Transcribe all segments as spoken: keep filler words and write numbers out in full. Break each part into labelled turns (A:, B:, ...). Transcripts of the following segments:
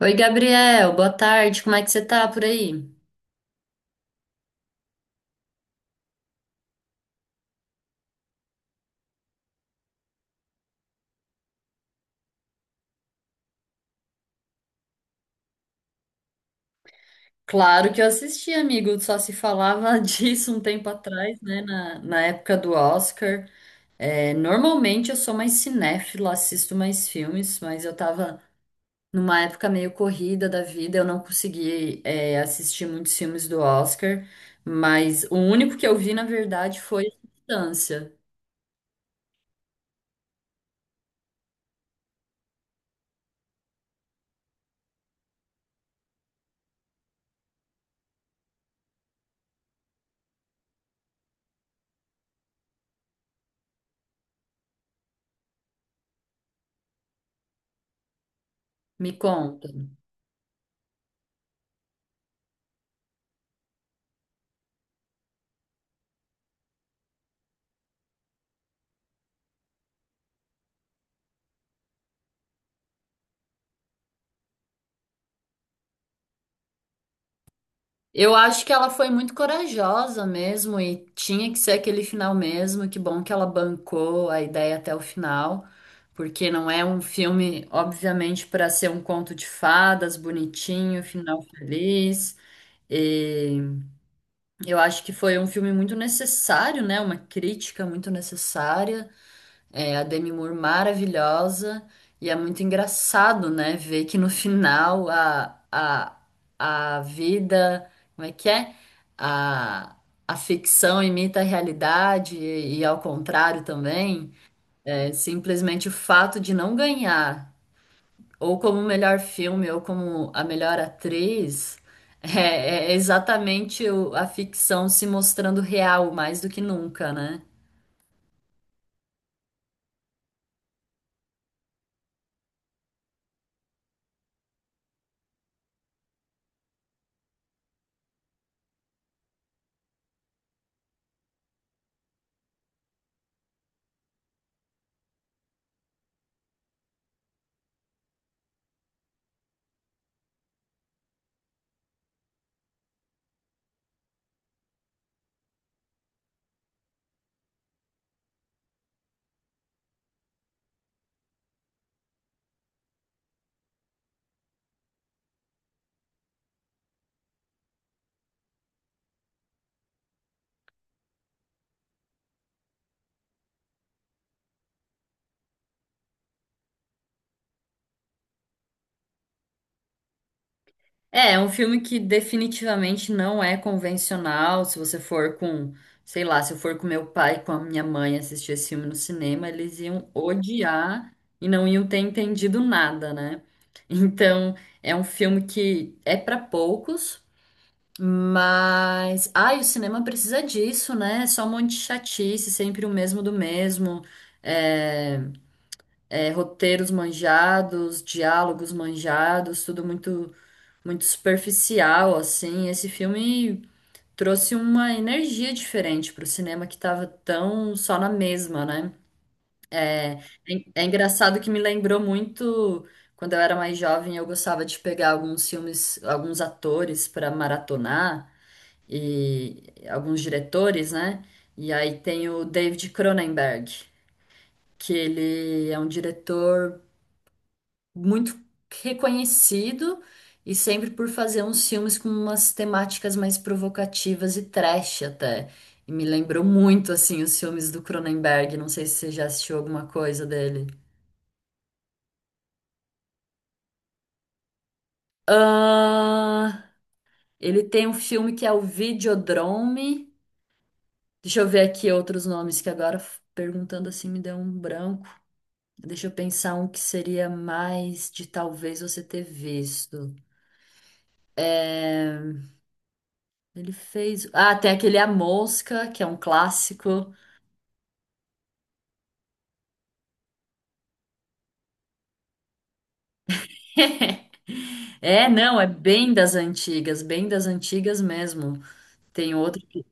A: Oi, Gabriel, boa tarde, como é que você tá por aí? Claro que eu assisti, amigo, só se falava disso um tempo atrás, né, na, na época do Oscar. É, normalmente eu sou mais cinéfila, assisto mais filmes, mas eu tava numa época meio corrida da vida, eu não consegui, é, assistir muitos filmes do Oscar, mas o único que eu vi, na verdade, foi distância. Me conta. Eu acho que ela foi muito corajosa mesmo e tinha que ser aquele final mesmo. Que bom que ela bancou a ideia até o final, porque não é um filme, obviamente, para ser um conto de fadas bonitinho, final feliz. E eu acho que foi um filme muito necessário, né? Uma crítica muito necessária. É, a Demi Moore maravilhosa. E é muito engraçado, né? Ver que no final a, a, a vida. Como é que é? A, a ficção imita a realidade e, e ao contrário também. É, simplesmente o fato de não ganhar, ou como melhor filme, ou como a melhor atriz, é, é exatamente o- a ficção se mostrando real mais do que nunca, né? É, é um filme que definitivamente não é convencional. Se você for com, sei lá, se eu for com meu pai e com a minha mãe assistir esse filme no cinema, eles iam odiar e não iam ter entendido nada, né? Então, é um filme que é para poucos, mas ai, o cinema precisa disso, né? É só um monte de chatice, sempre o mesmo do mesmo. É, é, roteiros manjados, diálogos manjados, tudo muito muito superficial, assim. Esse filme trouxe uma energia diferente pro cinema que tava tão só na mesma, né? É, é é engraçado que me lembrou muito quando eu era mais jovem, eu gostava de pegar alguns filmes, alguns atores para maratonar e alguns diretores, né? E aí tem o David Cronenberg, que ele é um diretor muito reconhecido e sempre por fazer uns filmes com umas temáticas mais provocativas e trash até. E me lembrou muito assim os filmes do Cronenberg, não sei se você já assistiu alguma coisa dele. Ah, ele tem um filme que é o Videodrome. Deixa eu ver aqui outros nomes que agora f- perguntando assim me deu um branco. Deixa eu pensar um que seria mais de talvez você ter visto. É, Ele fez. Ah, tem aquele A Mosca, que é um clássico. É, não, é bem das antigas, bem das antigas mesmo. Tem outro que.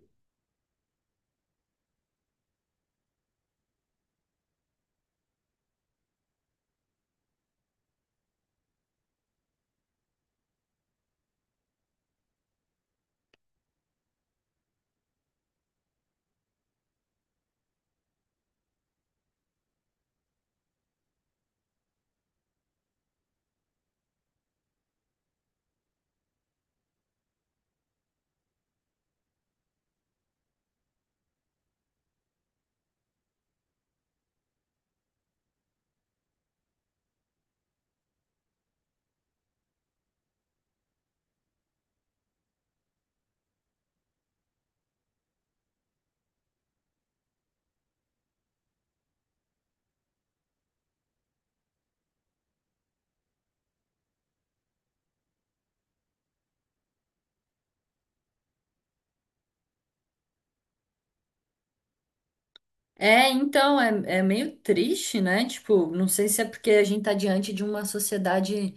A: É, então, é, é meio triste, né? Tipo, não sei se é porque a gente tá diante de uma sociedade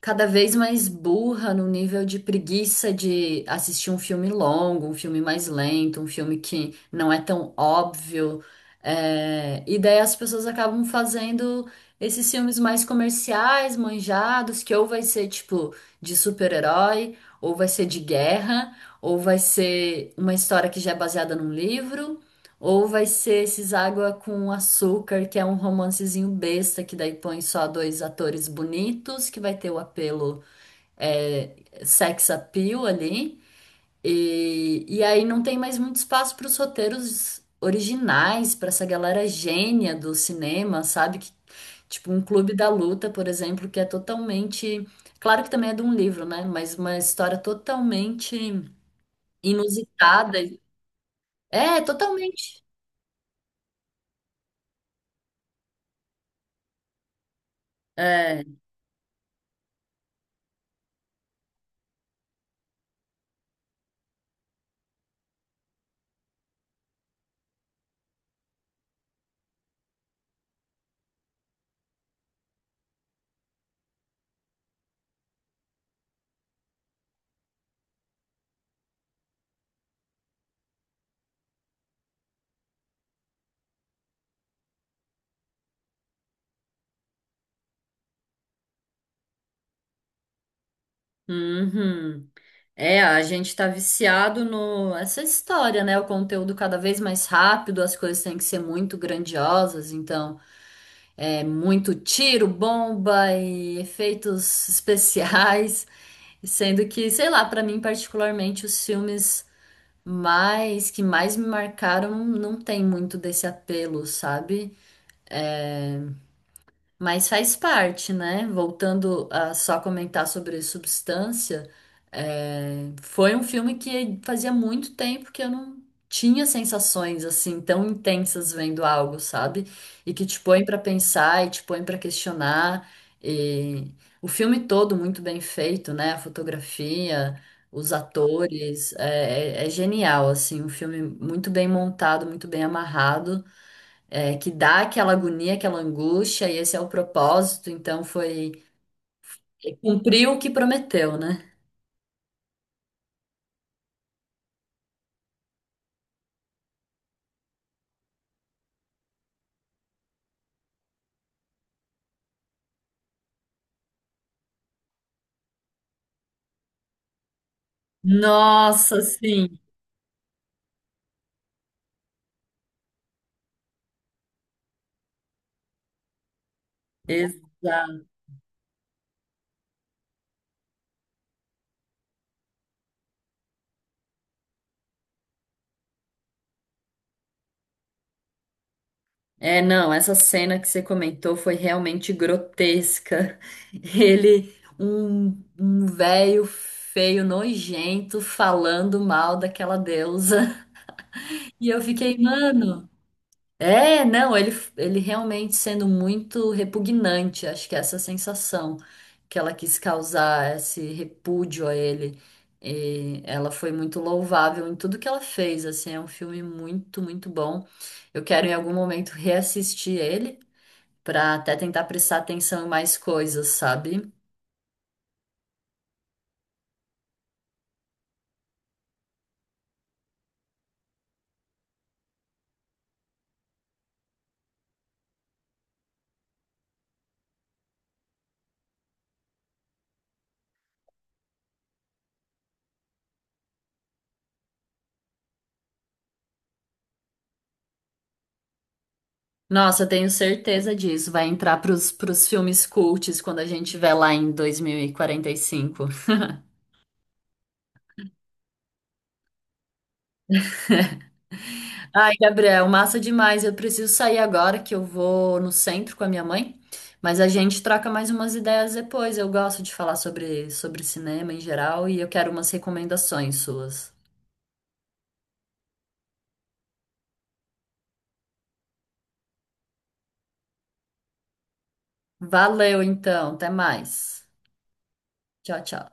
A: cada vez mais burra no nível de preguiça de assistir um filme longo, um filme mais lento, um filme que não é tão óbvio. É, E daí as pessoas acabam fazendo esses filmes mais comerciais, manjados, que ou vai ser tipo de super-herói, ou vai ser de guerra, ou vai ser uma história que já é baseada num livro. Ou vai ser esses Água com Açúcar, que é um romancezinho besta, que daí põe só dois atores bonitos, que vai ter o apelo, é, sex appeal ali. E, e aí não tem mais muito espaço para os roteiros originais, para essa galera gênia do cinema, sabe? Que, tipo, um Clube da Luta, por exemplo, que é totalmente. Claro que também é de um livro, né? Mas uma história totalmente inusitada. É, totalmente. é Uhum. É, a gente tá viciado no essa história, né? O conteúdo cada vez mais rápido, as coisas têm que ser muito grandiosas, então é muito tiro, bomba e efeitos especiais, sendo que, sei lá, pra mim particularmente os filmes mais que mais me marcaram não tem muito desse apelo, sabe? Mas faz parte, né? Voltando a só comentar sobre Substância, é, foi um filme que fazia muito tempo que eu não tinha sensações assim tão intensas vendo algo, sabe? E que te põe pra pensar e te põe pra questionar. E o filme todo muito bem feito, né? A fotografia, os atores, é, é é genial, assim, um filme muito bem montado, muito bem amarrado, é, que dá aquela agonia, aquela angústia, e esse é o propósito, então foi, cumpriu o que prometeu, né? Nossa, sim, exato. É, não, essa cena que você comentou foi realmente grotesca. Ele, um, um velho feio, nojento, falando mal daquela deusa. E eu fiquei, mano. É, não, ele, ele realmente sendo muito repugnante, acho que é essa sensação que ela quis causar, esse repúdio a ele, e ela foi muito louvável em tudo que ela fez, assim, é um filme muito, muito bom. Eu quero em algum momento reassistir ele para até tentar prestar atenção em mais coisas, sabe? Nossa, eu tenho certeza disso, vai entrar pros, pros filmes cults quando a gente estiver lá em dois mil e e quarenta e cinco. Ai, Gabriel, massa demais. Eu preciso sair agora que eu vou no centro com a minha mãe, mas a gente troca mais umas ideias depois. Eu gosto de falar sobre, sobre cinema em geral e eu quero umas recomendações suas. Valeu, então. Até mais. Tchau, tchau.